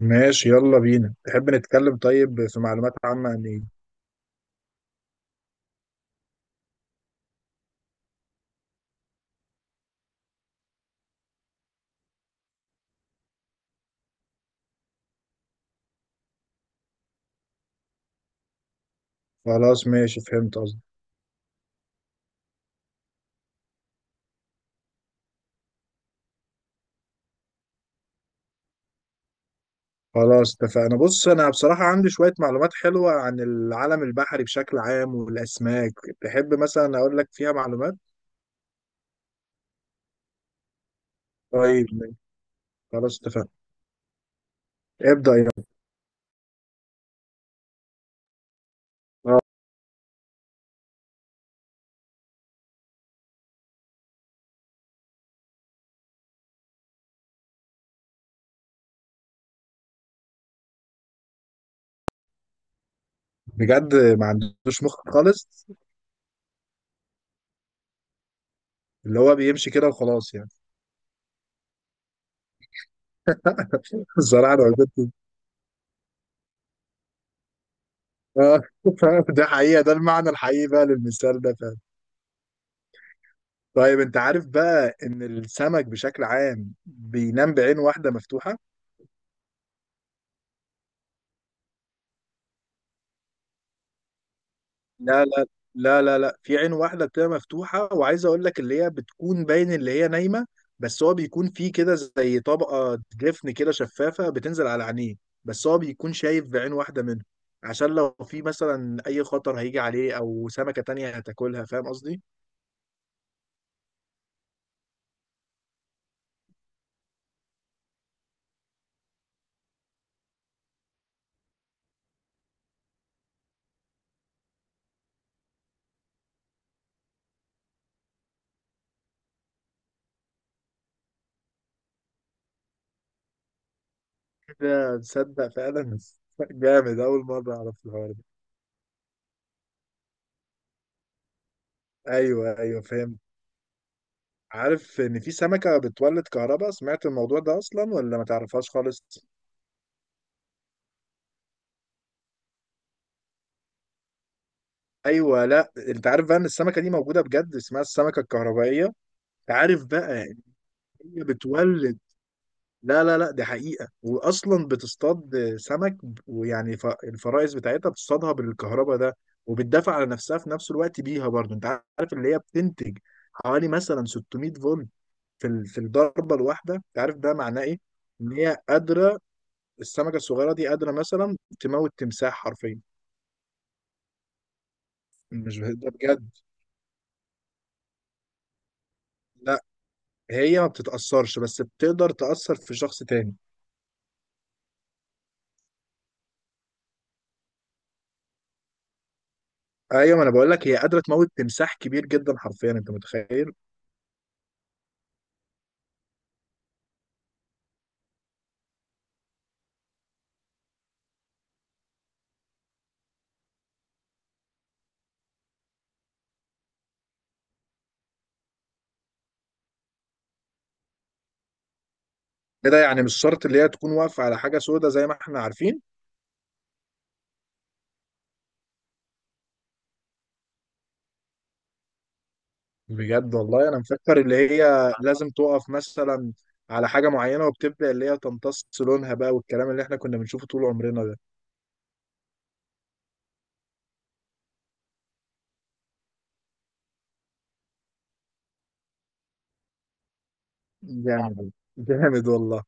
ماشي، يلا بينا. تحب نتكلم؟ طيب، في معلومات عامة عن ايه؟ خلاص ماشي، فهمت قصدي. خلاص اتفقنا. بص انا بصراحة عندي شوية معلومات حلوة عن العالم البحري بشكل عام والاسماك. تحب مثلا اقول لك فيها معلومات؟ طيب ماشي. خلاص اتفقنا. ابدأ يلا. آه، بجد ما عندوش مخ خالص؟ اللي هو بيمشي كده وخلاص يعني. الصراحة انا وجدت. آه، ده حقيقة، ده المعنى الحقيقي بقى للمثال ده فعلا. طيب، انت عارف بقى ان السمك بشكل عام بينام بعين واحدة مفتوحة؟ لا لا لا لا. في عين واحدة بتبقى مفتوحة، وعايز أقول لك اللي هي بتكون باين اللي هي نايمة. بس هو بيكون فيه كده زي طبقة جفن كده شفافة بتنزل على عينيه. بس هو بيكون شايف بعين واحدة منه، عشان لو في مثلا أي خطر هيجي عليه أو سمكة تانية هتاكلها. فاهم قصدي؟ ده تصدق فعلا. جامد، أول مرة أعرف الحوار ده. أيوه، فاهم. عارف إن في سمكة بتولد كهرباء؟ سمعت الموضوع ده أصلا ولا ما تعرفهاش خالص؟ ايوه، لا انت عارف بقى ان السمكه دي موجوده بجد، اسمها السمكه الكهربائيه. عارف بقى ان هي بتولد؟ لا. دي حقيقه، واصلا بتصطاد سمك ويعني الفرائس بتاعتها بتصطادها بالكهرباء ده، وبتدافع على نفسها في نفس الوقت بيها برضه. انت عارف اللي هي بتنتج حوالي مثلا 600 فولت في في الضربه الواحده؟ انت عارف ده معناه ايه؟ ان هي قادره، السمكه الصغيره دي قادره مثلا تموت تمساح حرفيا. مش ده بجد. لا هي ما بتتأثرش، بس بتقدر تأثر في شخص تاني. ايوه، ما انا بقول لك، هي قادره تموت تمساح كبير جدا حرفيا، انت متخيل. ايه ده، يعني مش شرط اللي هي تكون واقفه على حاجه سودة زي ما احنا عارفين. بجد والله، انا مفكر اللي هي لازم تقف مثلا على حاجه معينه وبتبدا اللي هي تمتص لونها بقى، والكلام اللي احنا كنا بنشوفه طول عمرنا ده. جامد، جامد والله.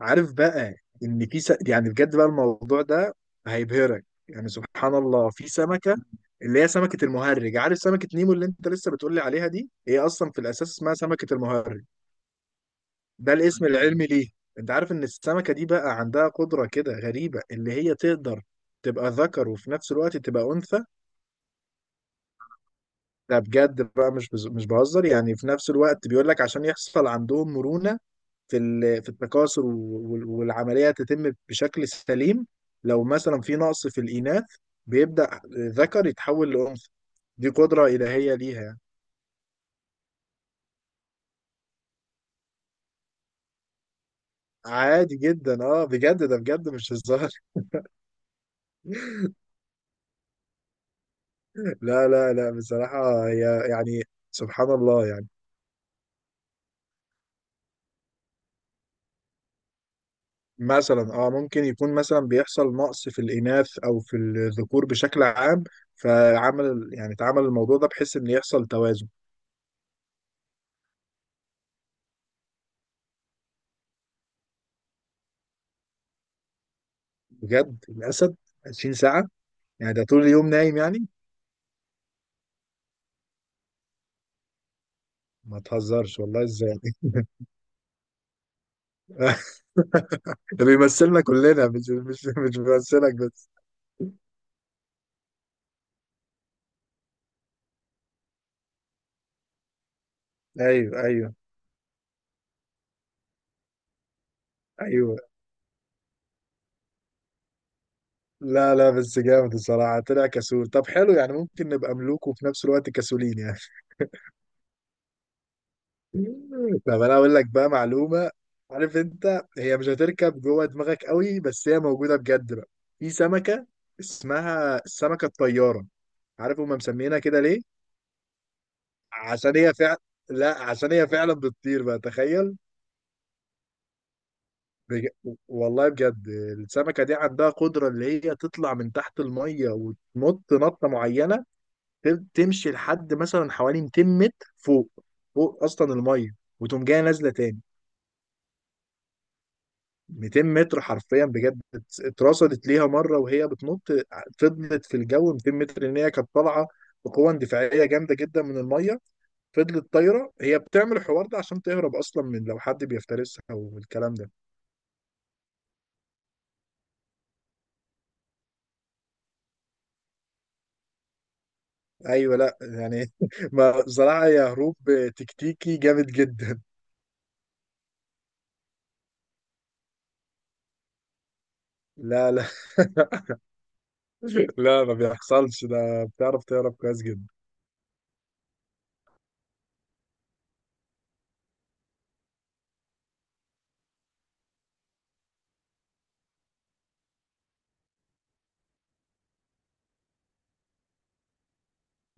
عارف بقى ان في يعني بجد بقى الموضوع ده هيبهرك، يعني سبحان الله. في سمكه اللي هي سمكه المهرج. عارف سمكه نيمو اللي انت لسه بتقولي عليها دي؟ هي اصلا في الاساس اسمها سمكه المهرج، ده الاسم العلمي ليه. انت عارف ان السمكه دي بقى عندها قدره كده غريبه اللي هي تقدر تبقى ذكر وفي نفس الوقت تبقى انثى؟ ده بجد بقى، مش مش بهزر يعني. في نفس الوقت بيقول لك عشان يحصل عندهم مرونه في في التكاثر والعملية تتم بشكل سليم. لو مثلا في نقص في الإناث، بيبدأ ذكر يتحول لأنثى. دي قدرة إلهية ليها يعني. عادي جدا، اه بجد، ده بجد مش هزار. لا. بصراحة هي يعني سبحان الله يعني. مثلا اه، ممكن يكون مثلا بيحصل نقص في الإناث أو في الذكور بشكل عام، فعمل يعني اتعمل الموضوع ده بحيث إن يحصل توازن. بجد الأسد 20 ساعة؟ يعني ده طول اليوم نايم يعني. ما تهزرش والله، ازاي؟ بيمثلنا كلنا، مش بيمثلك بس. ايوه ايوه ايوه. لا لا، بس جامد الصراحه، طلع كسول. طب حلو، يعني ممكن نبقى ملوك وفي نفس الوقت كسولين يعني. طب انا اقول لك بقى معلومه. عارف، انت هي مش هتركب جوه دماغك قوي، بس هي موجوده بجد بقى. في سمكه اسمها السمكه الطياره. عارف هما مسمينها كده ليه؟ عشان هي فعلا، لا عشان هي فعلا بتطير بقى، تخيل. بج... والله بجد، السمكة دي عندها قدرة اللي هي تطلع من تحت المية وتنط نطة معينة، تمشي لحد مثلا حوالي 200 متر فوق، فوق أصلا المية، وتقوم جاية نازلة تاني. 200 متر حرفيا بجد، اترصدت ليها مرة وهي بتنط، فضلت في الجو 200 متر، إن هي كانت طالعة بقوة اندفاعية جامدة جدا من المية. فضلت طايرة. هي بتعمل الحوار ده عشان تهرب أصلا من لو حد بيفترسها والكلام ده. ايوه، لا يعني ما بصراحه، يا هروب تكتيكي جامد جدا. لا لا، لا ما بيحصلش ده، بتعرف تهرب كويس جدا.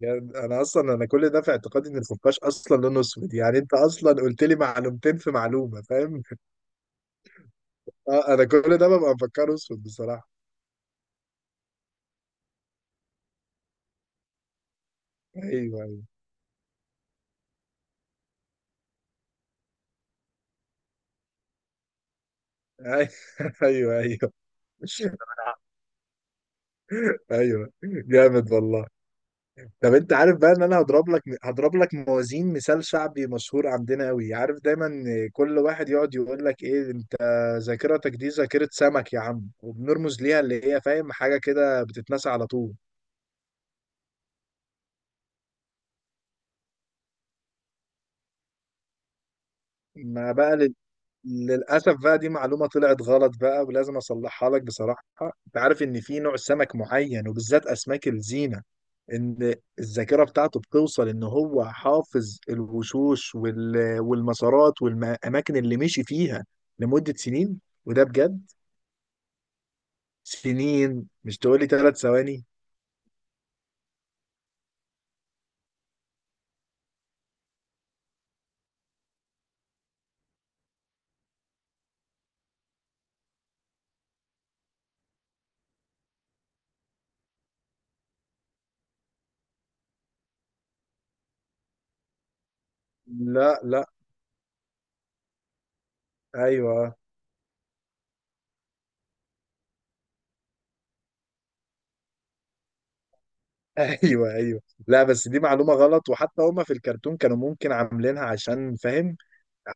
يعني انا اصلا، انا كل ده في اعتقادي ان الخفاش اصلا لونه اسود. يعني انت اصلا قلت لي معلومتين في معلومه، فاهم؟ اه انا كل ده ببقى مفكره اسود بصراحه. ايوه. ايوه ايوه ايوه. جامد والله. طب انت عارف بقى ان انا هضرب لك موازين مثال شعبي مشهور عندنا قوي؟ عارف دايما كل واحد يقعد يقول لك ايه، انت ذاكرتك دي ذاكرة سمك يا عم؟ وبنرمز ليها اللي هي فاهم حاجة كده بتتنسى على طول. ما بقى للأسف بقى دي معلومة طلعت غلط بقى، ولازم أصلحها لك بصراحة. أنت عارف إن في نوع سمك معين وبالذات أسماك الزينة، إن الذاكرة بتاعته بتوصل إن هو حافظ الوشوش والمسارات والأماكن اللي مشي فيها لمدة سنين. وده بجد سنين، مش تقولي ثلاث ثواني. لا لا، أيوه. أيوه. لا بس دي معلومة غلط، وحتى هما في الكرتون كانوا ممكن عاملينها عشان فاهم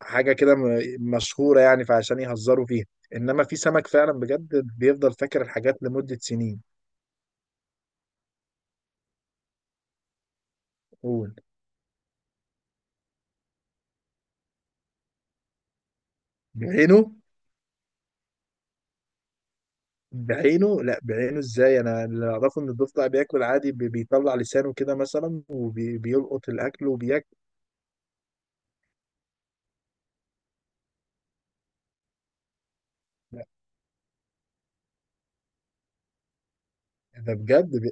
حاجه كده مشهوره يعني، فعشان يهزروا فيها. انما في سمك فعلا بجد بيفضل فاكر الحاجات لمده سنين. قول. بعينه؟ بعينه؟ لا بعينه ازاي، انا اللي اعرفه ان الضفدع بياكل عادي، بيطلع لسانه كده مثلا وبيلقط الاكل وبياكل. لا ده بجد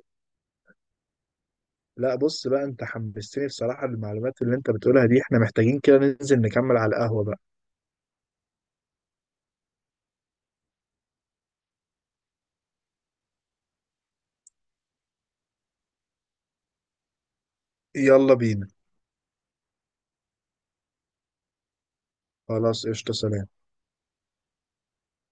لا بص بقى، انت حمستني بصراحه. المعلومات اللي انت بتقولها دي احنا محتاجين كده ننزل نكمل على القهوه بقى. يلا بينا. خلاص، قشطه، سلام.